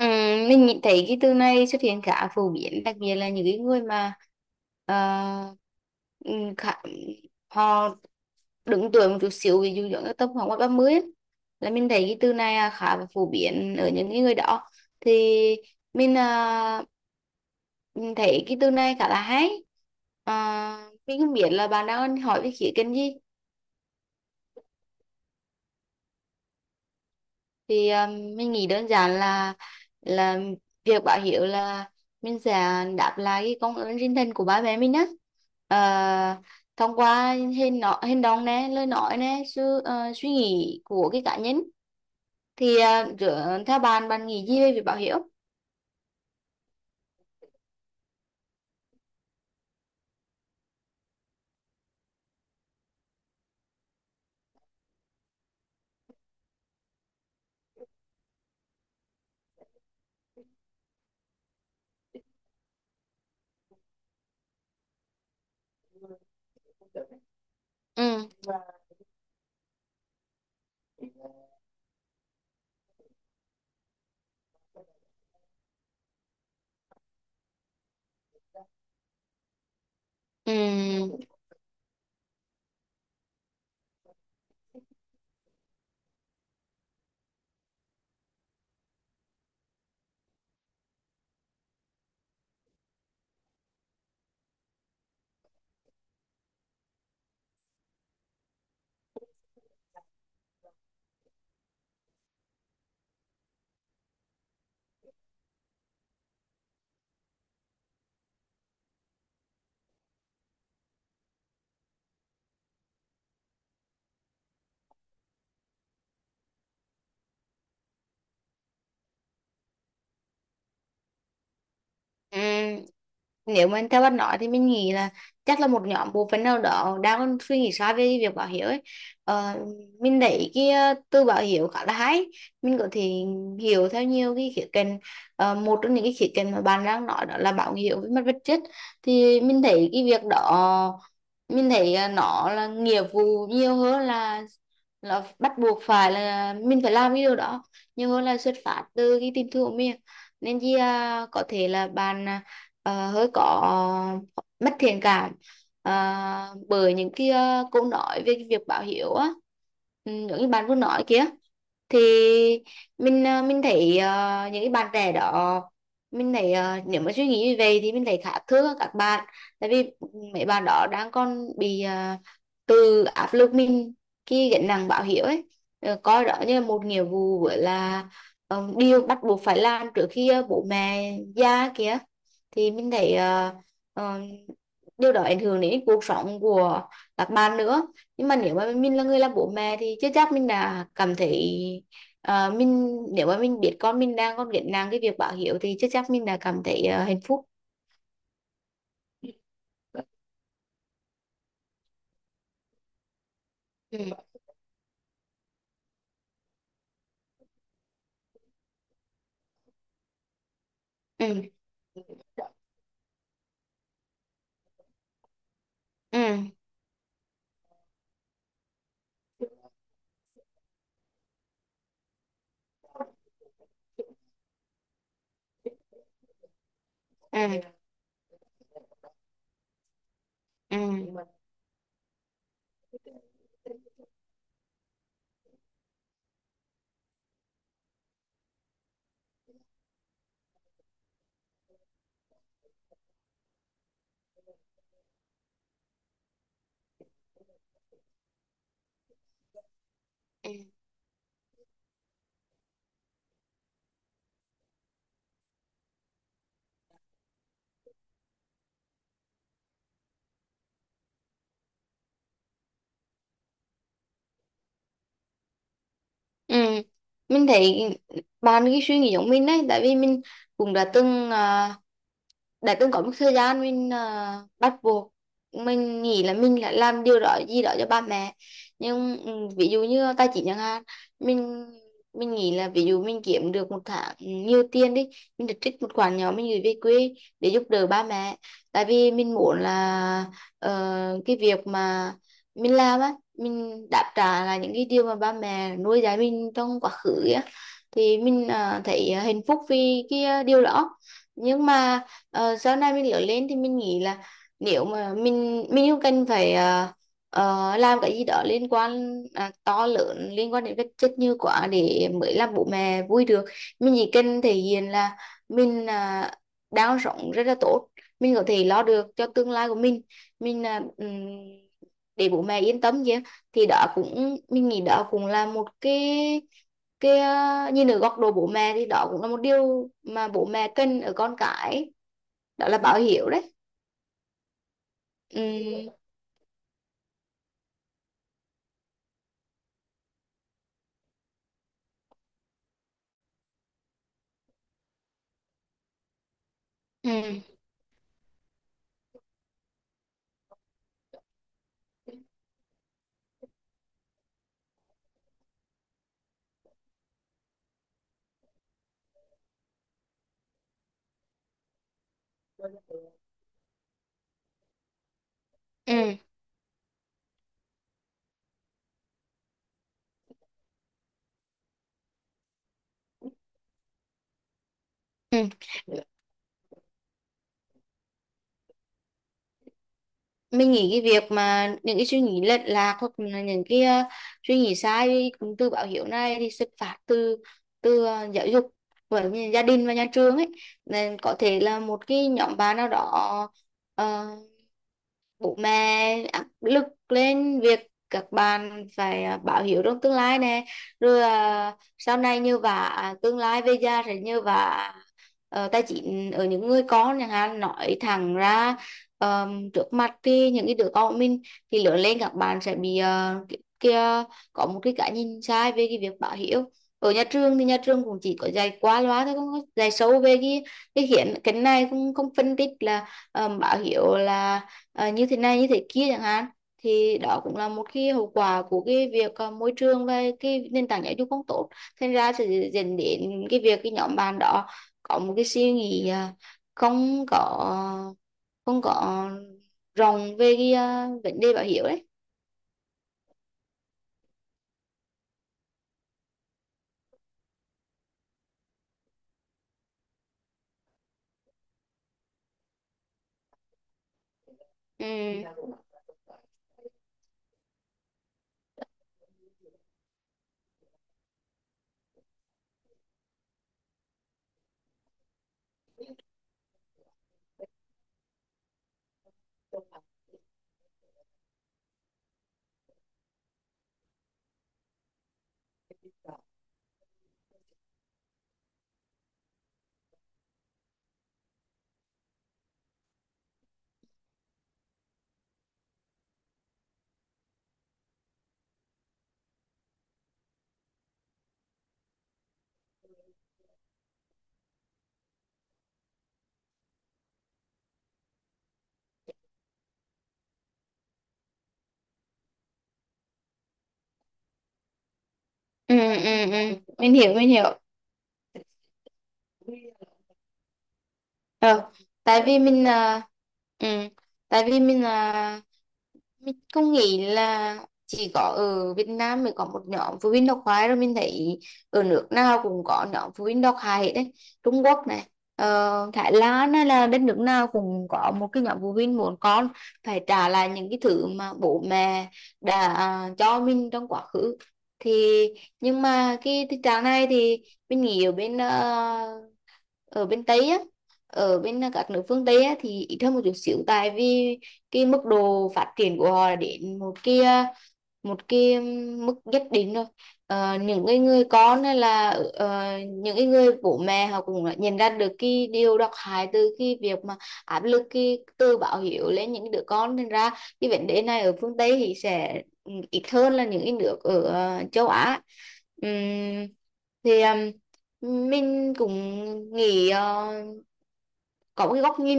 Ừ, mình nghĩ thấy cái từ này xuất hiện khá phổ biến đặc biệt là những cái người mà ờ, ừ, khá, họ đứng tuổi một chút xíu ví dụ giống như tầm khoảng ngoài 30 ấy, là mình thấy cái từ này khá là phổ biến ở những cái người đó. Thì mình à, mình thấy cái từ này khá là hay. À, mình không biết là bạn đang hỏi về khía cạnh gì. Thì mình nghĩ đơn giản là là việc báo hiếu là mình sẽ đáp lại cái công ơn sinh thành của ba mẹ mình á. Ờ, Thông qua hành động nè, lời nói nè, sự suy nghĩ của cái cá nhân. Thì theo bạn, bạn nghĩ gì về việc báo hiếu? Ừ. Ừ. Ừm, Nếu mà theo bạn nói thì mình nghĩ là chắc là một nhóm bộ phận nào đó đang suy nghĩ sai về việc báo hiếu ấy. ờ, mình thấy cái từ báo hiếu khá là hay. Mình có thể hiểu theo nhiều cái khía cạnh. Một trong những cái khía cạnh mà bạn đang nói đó là báo hiếu với mặt vật chất. Thì mình thấy cái việc đó, mình thấy nó là nghĩa vụ nhiều hơn, là bắt buộc phải là mình phải làm cái điều đó, nhiều hơn là xuất phát từ cái tình thương của mình. Nên chi có thể là bạn hơi có mất thiện cảm bởi những cái câu nói về cái việc báo hiếu á. Ừ, giống như bạn vừa nói kia thì mình thấy những cái bạn trẻ đó, mình thấy nếu mà suy nghĩ như vậy thì mình thấy khá thương các bạn. Tại vì mấy bạn đó đang còn bị từ áp lực mình khi gánh nặng báo hiếu ấy. Coi đó như là một nghĩa vụ, với là điều bắt buộc phải làm trước khi bố mẹ già kìa. Thì mình thấy ờ, điều đó ảnh hưởng đến cuộc sống của các bạn nữa. Nhưng mà nếu mà mình là người làm bố mẹ thì chưa chắc mình đã cảm thấy. Mình, nếu mà mình biết con mình đang còn gánh nặng cái việc báo hiếu thì chắc chắn mình đã cảm thấy hạnh phúc. Ừ. Ừ. Ừ. Ừ. Ừ. Ừ. Ừ. Mình thấy bạn, cái suy nghĩ giống mình đấy. Tại vì mình cũng đã từng đã từng có một thời gian mình bắt buộc, mình nghĩ là mình lại làm điều đó gì đó cho ba mẹ. Nhưng ví dụ như tài chính chẳng hạn, mình mình nghĩ là ví dụ mình kiếm được một tháng nhiều tiền đi, mình được trích một khoản nhỏ mình gửi về quê để giúp đỡ ba mẹ. Tại vì mình muốn là cái việc mà mình làm á, mình đáp trả là những cái điều mà ba mẹ nuôi dạy mình trong quá khứ á. Thì mình thấy hạnh phúc vì cái điều đó. Nhưng mà sau này mình lớn lên thì mình nghĩ là nếu mà mình không cần phải làm cái gì đó liên quan to lớn, liên quan đến vật chất như quá để mới làm bố mẹ vui được. Mình chỉ cần thể hiện là mình đang sống rất là tốt, mình có thể lo được cho tương lai của mình, mình à, ừm, để bố mẹ yên tâm chứ. Thì đó cũng, mình nghĩ đó cũng là một cái, nhìn ở góc độ bố mẹ thì đó cũng là một điều mà bố mẹ cần ở con cái, đó là báo hiệu đấy. Ừ. Ừ. Ừ. Ừ. Mình nghĩ cái việc mà những cái suy nghĩ lệch lạc, hoặc là những cái suy nghĩ sai cũng từ báo hiệu này, thì xuất phát từ từ ờ, giáo dục với gia đình và nhà trường ấy. Nên có thể là một cái nhóm bạn nào đó ờ, bố mẹ áp lực lên việc các bạn phải báo hiếu trong tương lai nè, rồi sau này như vả, tương lai về già sẽ như vả, tài chính ở những người con chẳng hạn, nói thẳng ra trước mặt thì những cái đứa con của mình, thì lớn lên các bạn sẽ bị kia, có một cái nhìn sai về cái việc báo hiếu. Ở nhà trường thì nhà trường cũng chỉ có dạy qua loa thôi, không có dạy sâu về cái này cũng không phân tích là báo hiếu là như thế này như thế kia chẳng hạn. Thì đó cũng là một cái hậu quả của cái việc môi trường và cái nền tảng giáo dục không tốt. Thành ra sẽ dẫn đến cái việc cái nhóm bạn đó có một cái suy nghĩ không có không có rộng về cái vấn đề bảo hiểm đấy. Ừ. Ừ. Ừ. Ừ. Mình hiểu, mình hiểu. Ừ. tại vì mình là Ừ. Tại vì mình không nghĩ là chỉ có ở Việt Nam mới có một nhóm phụ huynh độc hại đâu. Mình thấy ở nước nào cũng có nhóm phụ huynh độc hại hết đấy. Trung Quốc này, Thái Lan, hay là đất nước nào cũng có một cái nhóm phụ huynh muốn con phải trả lại những cái thứ mà bố mẹ đã cho mình trong quá khứ. Thì nhưng mà cái tình trạng này thì mình nghĩ ở bên Tây á, ở bên các nước phương Tây á thì ít hơn một chút xíu. Tại vì cái mức độ phát triển của họ đến một cái, một cái mức nhất định rồi. Những cái người con, hay là những cái người bố mẹ, họ cũng đã nhận ra được cái điều độc hại từ cái việc mà áp lực cái từ báo hiếu lên những đứa con, nên ra cái vấn đề này ở phương Tây thì sẽ ít hơn là những cái nước ở châu Á. Ừm, thì mình cũng nghĩ, có một cái góc nhìn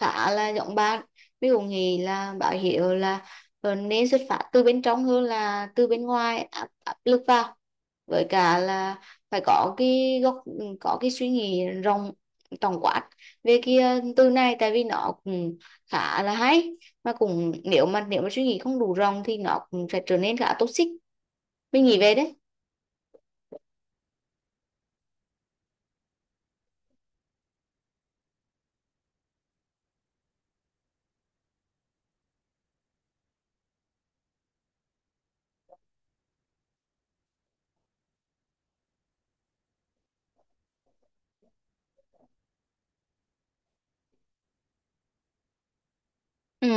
khá là giống bạn. Mình cũng nghĩ là báo hiệu là nên xuất phát từ bên trong hơn là từ bên ngoài áp lực vào. Với cả là phải có cái góc có cái suy nghĩ rộng, tổng quát về cái từ này, tại vì nó cũng khá là hay, mà cũng, nếu mà suy nghĩ không đủ rộng thì nó cũng sẽ trở nên khá toxic. Mình nghĩ về đấy. Ừ.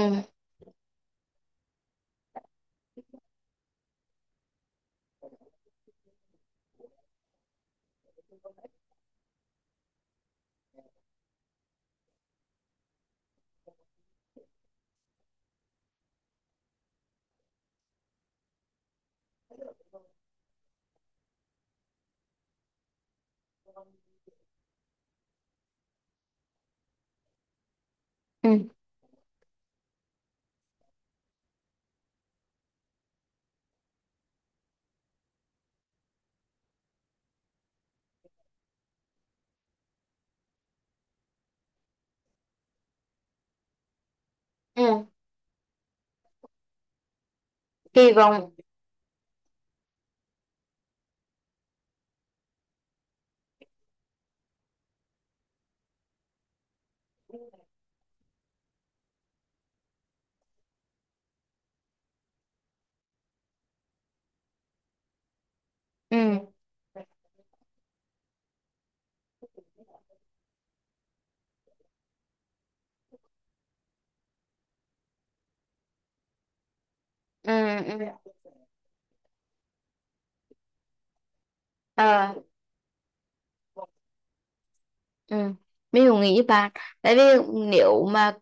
Ừ. Ừ. Kỳ vọng. Ừ. Ừ. Ừ. Ờ, ừ. Mình cũng nghĩ với bạn. Tại vì nếu mà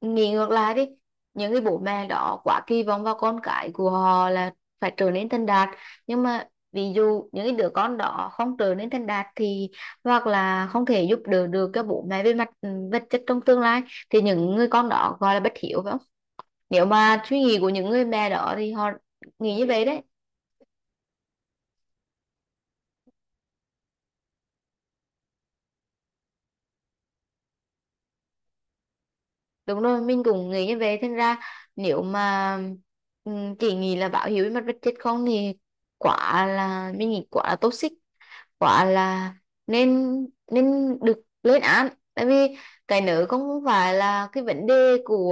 nghĩ ngược lại đi, những cái bố mẹ đó quá kỳ vọng vào con cái của họ là phải trở nên thành đạt, nhưng mà ví dụ những cái đứa con đó không trở nên thành đạt thì, hoặc là không thể giúp đỡ được các bố mẹ về mặt vật chất trong tương lai, thì những người con đó gọi là bất hiếu phải không? Nếu mà suy nghĩ của những người mẹ đó thì họ nghĩ như vậy đấy. Đúng rồi, mình cũng nghĩ như vậy. Thành ra nếu mà chỉ nghĩ là báo hiếu với mặt vật chất không thì, quả là, mình nghĩ quả là toxic, quả là nên, được lên án. Tại vì cái nữa không phải là cái vấn đề của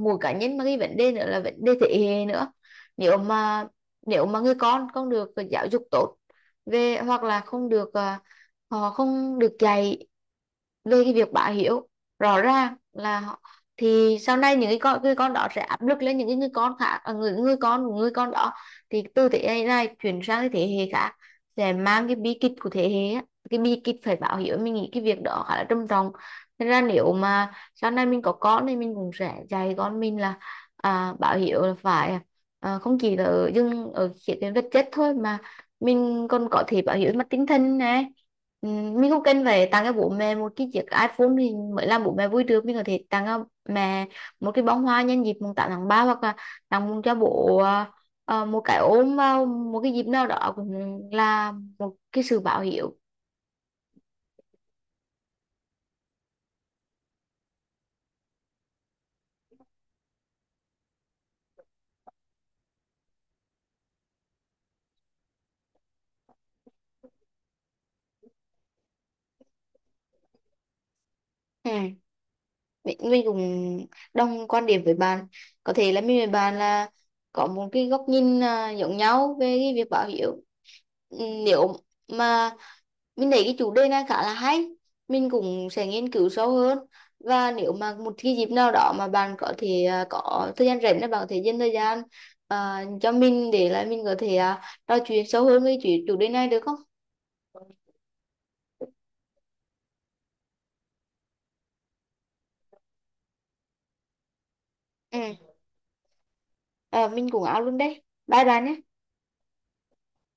mỗi cá nhân, mà cái vấn đề nữa là vấn đề thế hệ nữa. Nếu mà nếu mà người con không được giáo dục tốt về, hoặc là không được họ không được dạy về cái việc bá hiếu, rõ ràng là họ- thì sau này những cái người con đó sẽ áp lực lên những cái người con khác, người người con của người con đó, thì từ thế hệ này chuyển sang cái thế hệ khác, sẽ mang cái bi kịch của thế hệ á. Cái bi kịch phải báo hiếu, mình nghĩ cái việc đó khá là trầm trọng. Nên ra nếu mà sau này mình có con thì mình cũng sẽ dạy con mình là báo hiếu là phải, không chỉ là ở, dừng ở khía cạnh vật chất thôi, mà mình còn có thể báo hiếu mặt tinh thần này. Ừ, mình cũng cần phải tặng cho bố mẹ một cái chiếc iPhone thì mới làm bố mẹ vui được. Mình có thể tặng cho mẹ một cái bông hoa nhân dịp mùng 8 tháng ba, hoặc là tặng cho bố một cái ôm vào một cái dịp nào đó, cũng là một cái sự báo hiếu. Ừ. Mình cũng đồng quan điểm với bạn. Có thể là mình với bạn là có một cái góc nhìn giống nhau về cái việc báo hiếu. Ừ, nếu mà, mình thấy cái chủ đề này khá là hay, mình cũng sẽ nghiên cứu sâu hơn. Và nếu mà một cái dịp nào đó mà bạn có thể có thời gian rảnh, là bạn có thể dành thời gian cho mình, để là mình có thể trò chuyện sâu hơn với chủ đề này được không? Ừ. Mình cũng áo luôn đấy. Bye bye nhé.